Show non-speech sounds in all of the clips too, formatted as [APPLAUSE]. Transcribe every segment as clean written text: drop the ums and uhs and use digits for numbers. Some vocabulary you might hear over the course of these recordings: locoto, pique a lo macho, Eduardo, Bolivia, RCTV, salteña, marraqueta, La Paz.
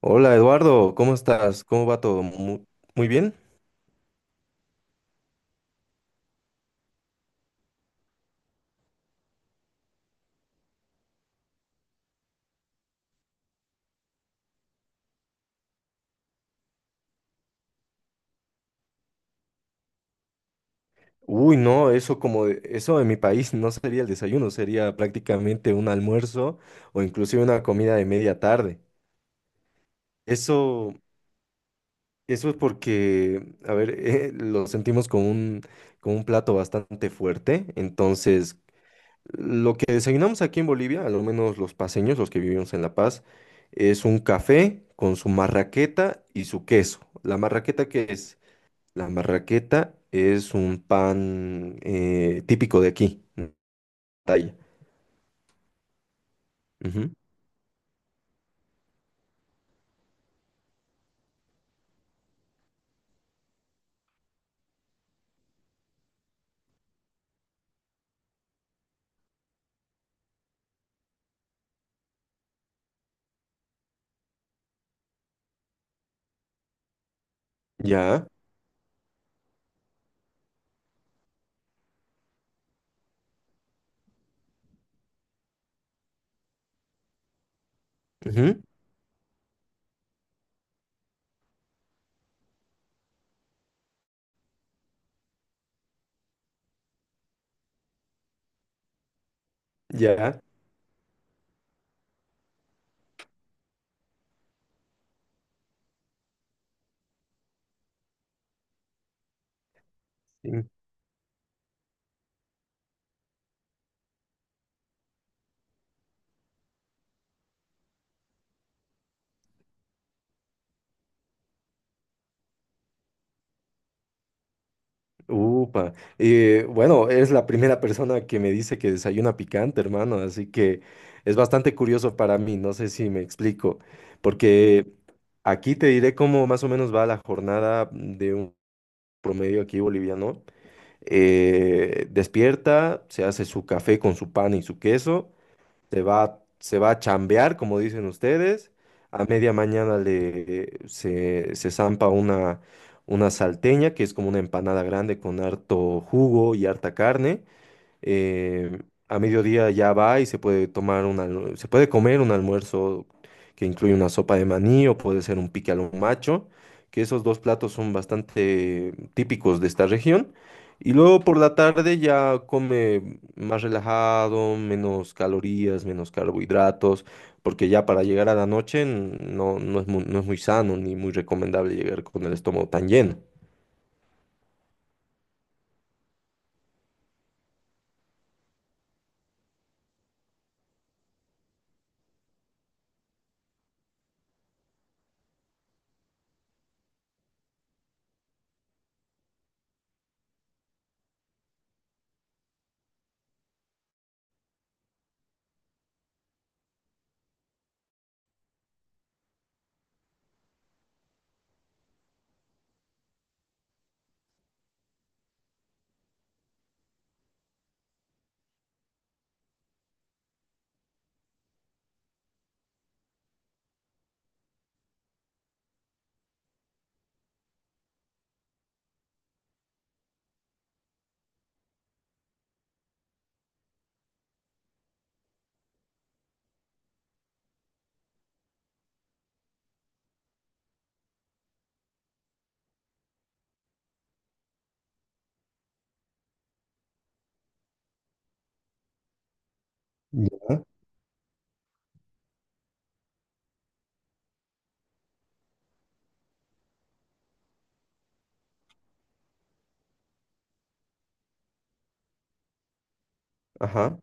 Hola Eduardo, ¿cómo estás? ¿Cómo va todo? Mu- ¿Muy, bien? Uy, no, eso eso en mi país no sería el desayuno, sería prácticamente un almuerzo o inclusive una comida de media tarde. Eso, eso es porque, a ver, lo sentimos como un plato bastante fuerte. Entonces, lo que desayunamos aquí en Bolivia, al menos los paseños, los que vivimos en La Paz, es un café con su marraqueta y su queso. La marraqueta es un pan típico de aquí, en Talla. Ujú. Ya, ujú, ya. Sí. Upa. Bueno, es la primera persona que me dice que desayuna picante, hermano, así que es bastante curioso para mí, no sé si me explico, porque aquí te diré cómo más o menos va la jornada de un promedio aquí boliviano. Despierta, se hace su café con su pan y su queso, se va a chambear, como dicen ustedes. A media mañana se zampa una salteña, que es como una empanada grande con harto jugo y harta carne, eh, a mediodía ya va y se puede comer un almuerzo que incluye una sopa de maní o puede ser un pique al macho, que esos dos platos son bastante típicos de esta región. Y luego por la tarde ya come más relajado, menos calorías, menos carbohidratos, porque ya para llegar a la noche no es muy, no es muy sano ni muy recomendable llegar con el estómago tan lleno. Ya. Ajá.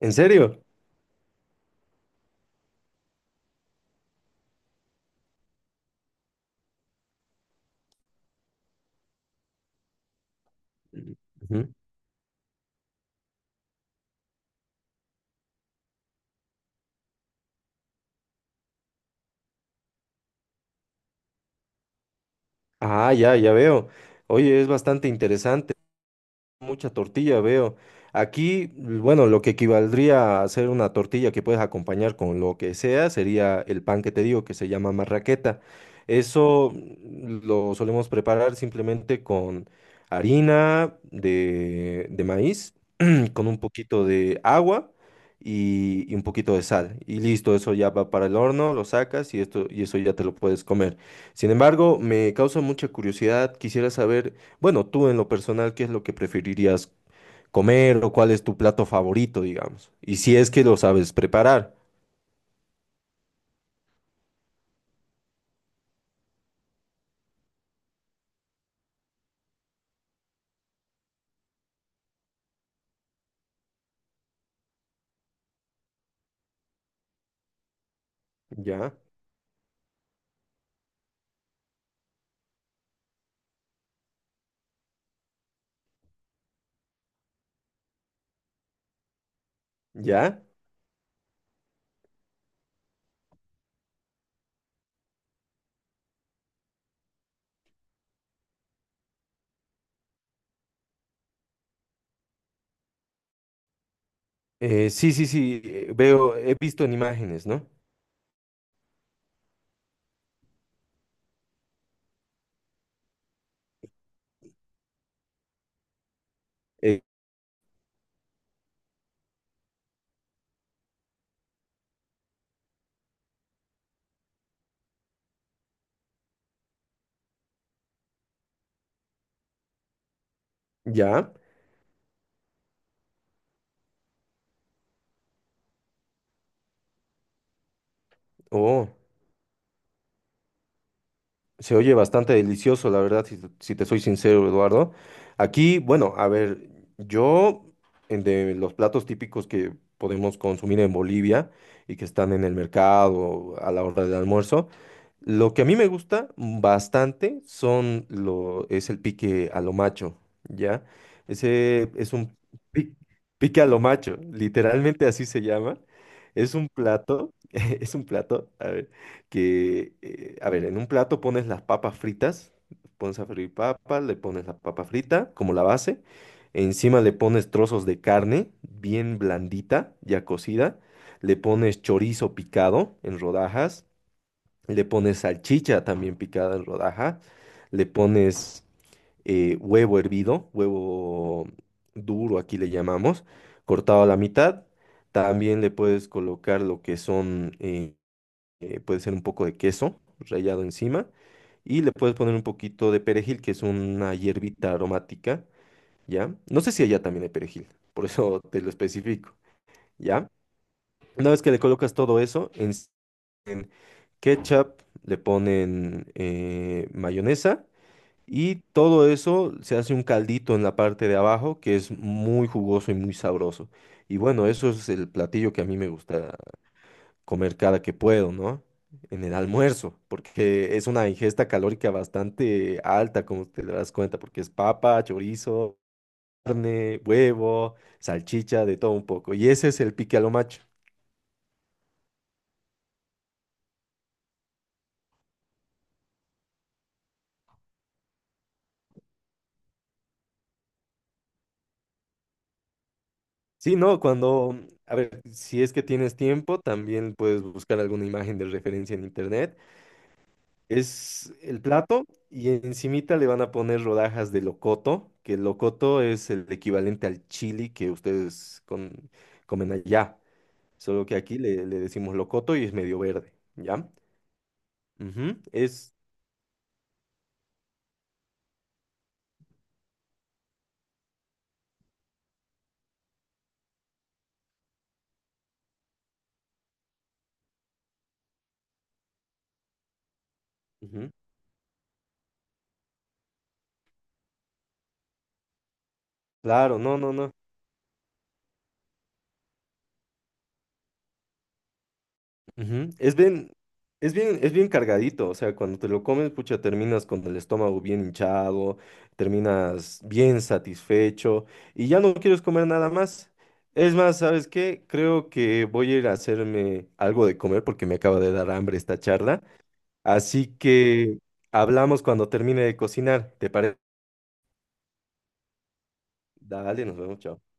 ¿En serio? Ujú. Ah, ya, ya veo. Oye, es bastante interesante. Mucha tortilla, veo. Aquí, bueno, lo que equivaldría a hacer una tortilla que puedes acompañar con lo que sea sería el pan que te digo, que se llama marraqueta. Eso lo solemos preparar simplemente con harina de maíz con un poquito de agua y un poquito de sal. Y listo, eso ya va para el horno, lo sacas y esto, y eso ya te lo puedes comer. Sin embargo, me causa mucha curiosidad. Quisiera saber, bueno, tú en lo personal, ¿qué es lo que preferirías comer o cuál es tu plato favorito, digamos? Y si es que lo sabes preparar. Ya, ya. Sí, sí, sí, veo, he visto en imágenes, ¿no? Eh, ya. Oh. Se oye bastante delicioso, la verdad, si, si te soy sincero, Eduardo. Aquí, bueno, a ver, yo, en de los platos típicos que podemos consumir en Bolivia y que están en el mercado a la hora del almuerzo, lo que a mí me gusta bastante es el pique a lo macho, ¿ya? Ese es un pi- pique a lo macho, literalmente así se llama. Es un plato, [LAUGHS] es un plato, a ver que, a ver, en un plato pones las papas fritas, pones a freír papas, le pones la papa frita como la base, encima le pones trozos de carne bien blandita, ya cocida, le pones chorizo picado en rodajas, le pones salchicha también picada en rodajas, le pones huevo hervido, huevo duro aquí le llamamos, cortado a la mitad. También le puedes colocar lo que son puede ser un poco de queso rallado encima y le puedes poner un poquito de perejil, que es una hierbita aromática, ¿ya? No sé si allá también hay perejil, por eso te lo especifico, ¿ya? Una vez que le colocas todo eso, en s- ketchup le ponen mayonesa y todo eso se hace un caldito en la parte de abajo que es muy jugoso y muy sabroso. Y bueno, eso es el platillo que a mí me gusta comer cada que puedo, ¿no? En el almuerzo, porque es una ingesta calórica bastante alta, como te darás cuenta, porque es papa, chorizo, carne, huevo, salchicha, de todo un poco. Y ese es el pique a lo macho. Sí, no, cuando, a ver, si es que tienes tiempo, también puedes buscar alguna imagen de referencia en internet. Es el plato y encimita le van a poner rodajas de locoto, que el locoto es el equivalente al chili que ustedes comen allá. Solo que aquí le, le decimos locoto y es medio verde, ¿ya? Ujú, es, ujú. Claro, no, no, no. Ujú, es bien cargadito, o sea, cuando te lo comes, pucha, terminas con el estómago bien hinchado, terminas bien satisfecho y ya no quieres comer nada más. Es más, ¿sabes qué? Creo que voy a ir a hacerme algo de comer porque me acaba de dar hambre esta charla. Así que hablamos cuando termine de cocinar, ¿te parece? Dale, nos vemos, chao.